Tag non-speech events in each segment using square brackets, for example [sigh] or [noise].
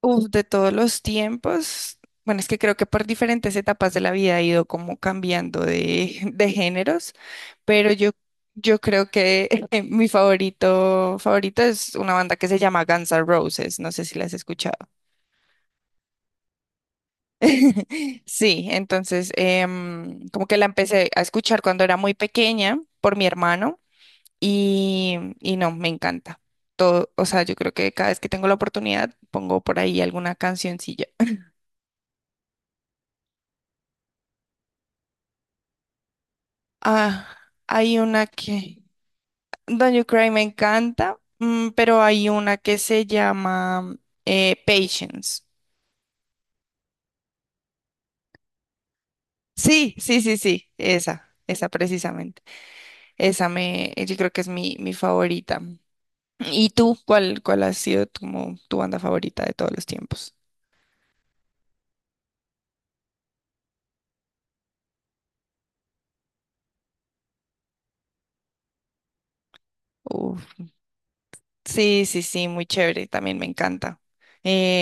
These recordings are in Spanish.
Uf, de todos los tiempos, bueno, es que creo que por diferentes etapas de la vida ha ido como cambiando de, [laughs] de géneros, pero yo creo que [laughs] mi favorito es una banda que se llama Guns N' Roses, no sé si la has escuchado. [laughs] Sí, entonces como que la empecé a escuchar cuando era muy pequeña por mi hermano y no, me encanta. Todo, o sea, yo creo que cada vez que tengo la oportunidad pongo por ahí alguna cancioncilla. Ah, hay una que, Don't You Cry me encanta, pero hay una que se llama Patience. Sí, sí, sí, sí, esa precisamente. Esa me, yo creo que es mi favorita. ¿Y tú? ¿Cuál ha sido tu banda favorita de todos los tiempos? Uf. Sí, sí, sí, muy chévere, también me encanta.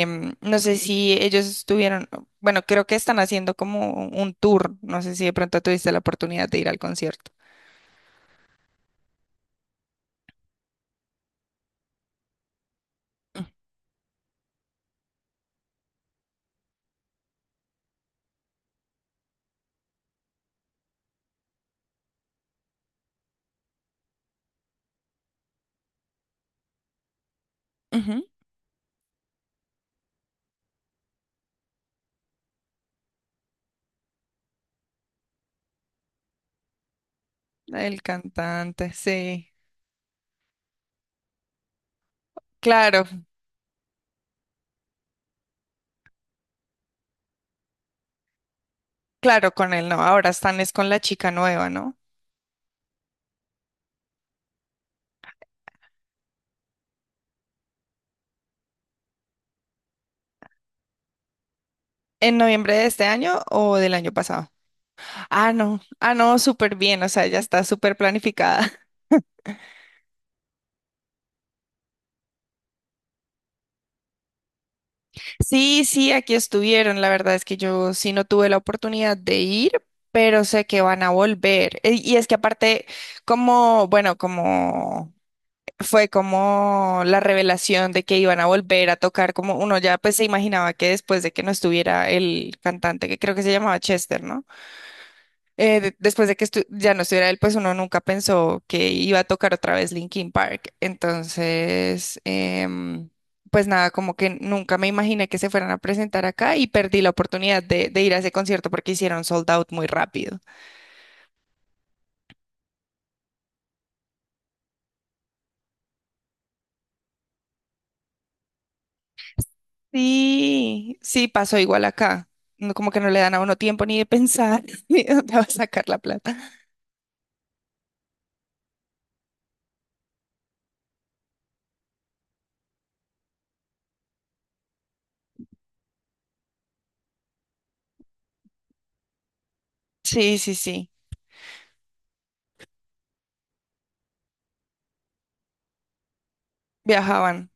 No sé si ellos estuvieron, bueno, creo que están haciendo como un tour, no sé si de pronto tuviste la oportunidad de ir al concierto. Ujú. El cantante, sí. Claro, claro, con él no. Ahora están es con la chica nueva, ¿no? ¿En noviembre de este año o del año pasado? Ah, no. Ah, no, súper bien. O sea, ya está súper planificada. Sí, sí, aquí estuvieron. La verdad es que yo sí no tuve la oportunidad de ir, pero sé que van a volver. Y es que aparte, como, bueno, como fue como la revelación de que iban a volver a tocar, como uno ya pues se imaginaba que después de que no estuviera el cantante, que creo que se llamaba Chester, ¿no? Después de que ya no estuviera él, pues uno nunca pensó que iba a tocar otra vez Linkin Park. Entonces, pues nada, como que nunca me imaginé que se fueran a presentar acá y perdí la oportunidad de ir a ese concierto porque hicieron sold out muy rápido. Sí, sí, pasó igual acá. No, como que no le dan a uno tiempo ni de pensar [laughs] ni de dónde va a sacar la plata. Sí, sí, sí, viajaban.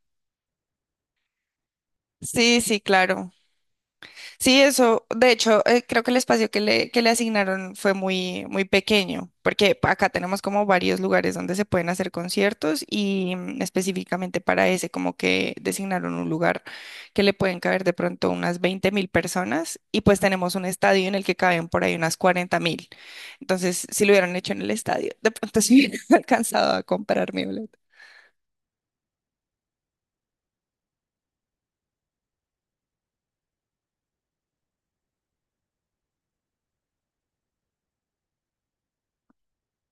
Sí, sí, claro. Sí, eso, de hecho, creo que el espacio que le asignaron fue muy, muy pequeño, porque acá tenemos como varios lugares donde se pueden hacer conciertos y específicamente para ese, como que designaron un lugar que le pueden caber de pronto unas 20.000 personas y pues tenemos un estadio en el que caben por ahí unas 40.000. Entonces, si lo hubieran hecho en el estadio, de pronto sí [laughs] hubiera alcanzado a comprar mi boleto.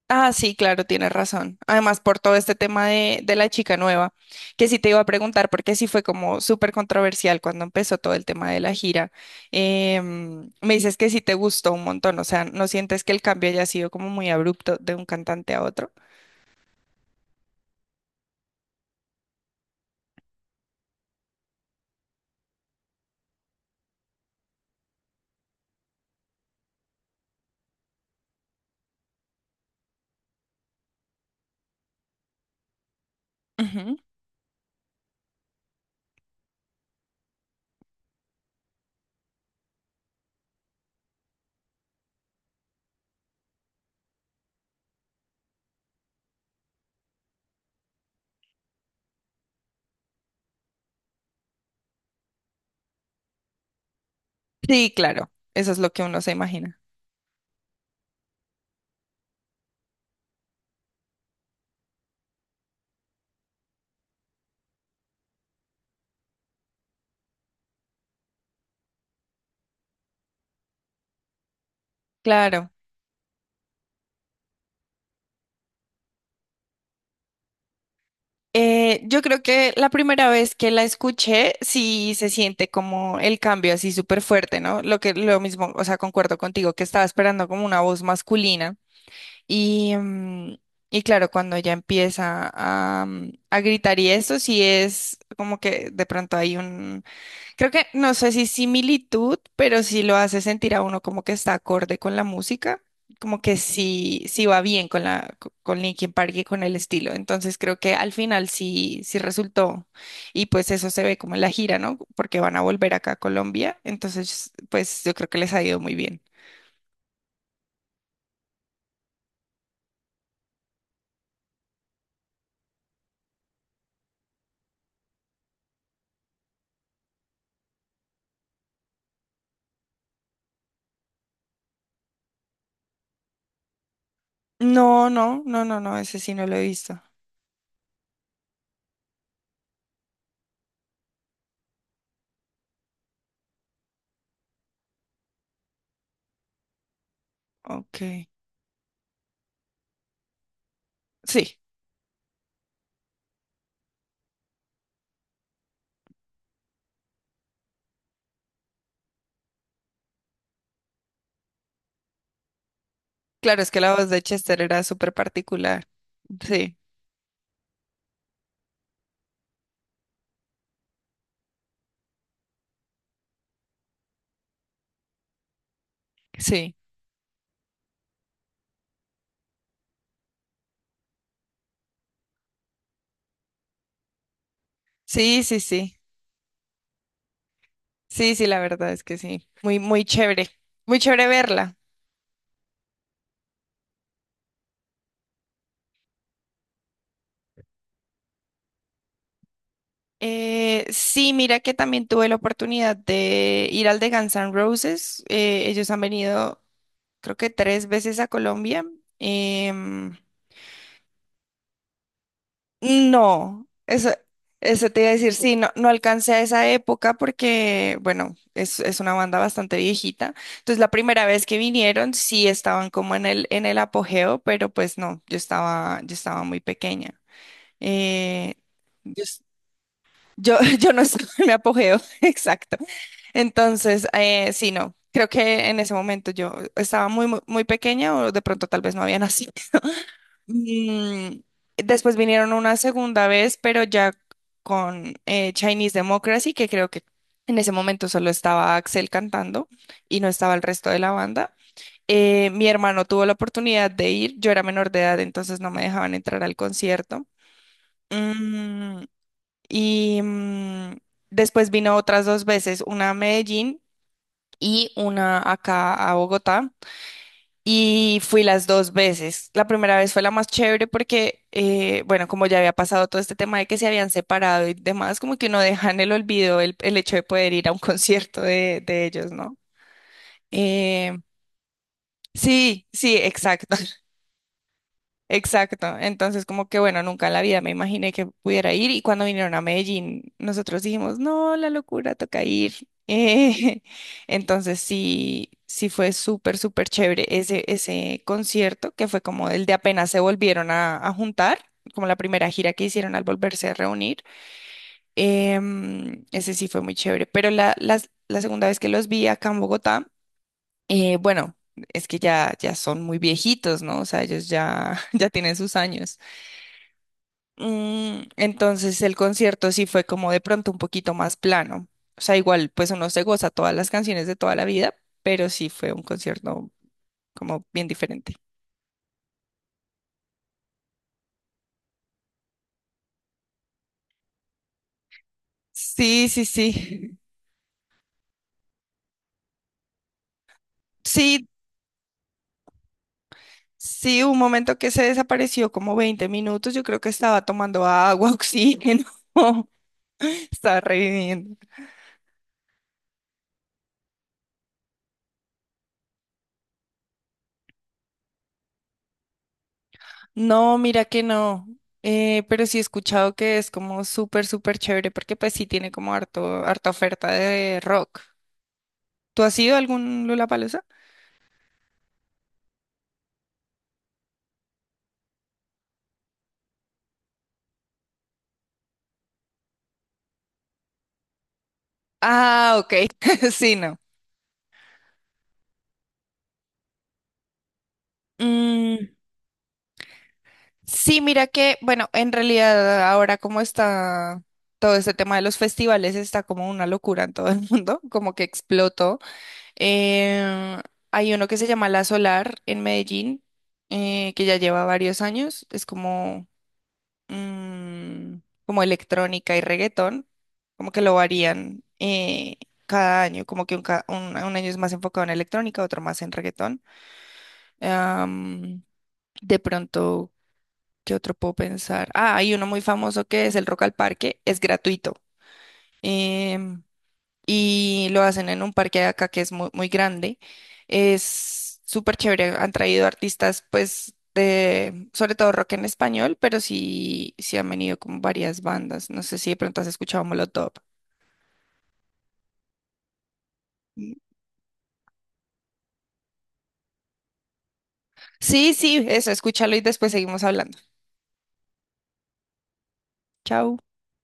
Ah, sí, claro, tienes razón. Además, por todo este tema de la chica nueva, que sí te iba a preguntar, porque sí fue como súper controversial cuando empezó todo el tema de la gira. Me dices que sí te gustó un montón, o sea, ¿no sientes que el cambio haya sido como muy abrupto de un cantante a otro? Ujú. Sí, claro, eso es lo que uno se imagina. Claro. Yo creo que la primera vez que la escuché, sí se siente como el cambio así súper fuerte, ¿no? Lo que lo mismo, o sea, concuerdo contigo que estaba esperando como una voz masculina y, y claro, cuando ya empieza a, a gritar y eso sí es como que de pronto hay un... Creo que no sé si similitud, pero sí lo hace sentir a uno como que está acorde con la música, como que sí, sí va bien con la, con Linkin Park y con el estilo. Entonces creo que al final sí, sí resultó. Y pues eso se ve como en la gira, ¿no? Porque van a volver acá a Colombia. Entonces, pues yo creo que les ha ido muy bien. No, no, no, no, no, ese sí no lo he visto. Ok. Sí, claro, es que la voz de Chester era súper particular. Sí, sí, sí, sí, sí. Sí, sí, la verdad es que sí. Muy, muy chévere. Muy chévere verla. Sí, mira que también tuve la oportunidad de ir al de Guns N' Roses. Ellos han venido, creo que 3 veces a Colombia. Em, No, eso te iba a decir, sí, no, no alcancé a esa época porque, bueno, es una banda bastante viejita. Entonces, la primera vez que vinieron, sí estaban como en el apogeo, pero pues no, yo estaba muy pequeña. Eh, yo, es- yo, [laughs] yo no estaba en mi apogeo, [laughs] exacto. Entonces, sí, no, creo que en ese momento yo estaba muy, muy, muy pequeña o de pronto tal vez no había nacido. Mm, después vinieron una segunda vez, pero ya con Chinese Democracy, que creo que en ese momento solo estaba Axel cantando y no estaba el resto de la banda. Mi hermano tuvo la oportunidad de ir, yo era menor de edad, entonces no me dejaban entrar al concierto. Mm, y mm, después vino otras dos veces, una a Medellín y una acá a Bogotá. Y fui las dos veces. La primera vez fue la más chévere porque, bueno, como ya había pasado todo este tema de que se habían separado y demás, como que uno deja en el olvido el hecho de poder ir a un [laughs] concierto de ellos, ¿no? Eh, sí, sí, exacto. [laughs] Exacto, entonces como que bueno, nunca en la vida me imaginé que pudiera ir y cuando vinieron a Medellín nosotros dijimos, no, la locura, toca ir. [laughs] Entonces sí, sí fue súper, súper chévere ese, ese concierto que fue como el de apenas se volvieron a juntar, como la primera gira que hicieron al volverse a reunir. Ese sí fue muy chévere, pero la segunda vez que los vi acá en Bogotá, bueno, es que ya, ya son muy viejitos, ¿no? O sea, ellos ya, [laughs] ya tienen sus años. Entonces el concierto sí fue como de pronto un poquito más plano. O sea, igual pues uno se goza todas las canciones de toda la vida, pero sí fue un concierto como bien diferente. Sí, sí, sí. [laughs] Sí, sí, un momento que se desapareció como 20 minutos, yo creo que estaba tomando agua, [laughs] oxígeno, estaba reviviendo. No, mira que no. Pero sí he escuchado que es como súper, súper chévere porque pues sí tiene como harto, harta oferta de rock. ¿Tú has ido a algún Lollapalooza? Ah, ok. [laughs] Sí, no. Mm, sí, mira que, bueno, en realidad ahora como está todo este tema de los festivales, está como una locura en todo el mundo, [laughs] como que explotó. Eh, hay uno que se llama La Solar en Medellín, que ya lleva varios años. Es como, mm, como electrónica y reggaetón, como que lo varían cada año, como que un, un año es más enfocado en electrónica, otro más en reggaetón. Am, de pronto, ¿qué otro puedo pensar? Ah, hay uno muy famoso que es el Rock al Parque, es gratuito. em, y lo hacen en un parque de acá que es muy, muy grande. Es súper chévere. Han traído artistas, pues, de, sobre todo rock en español, pero sí, sí han venido como varias bandas. No sé si de pronto has escuchado Molotov. Mm. Sí, sí, eso, escúchalo y después seguimos hablando. Chao.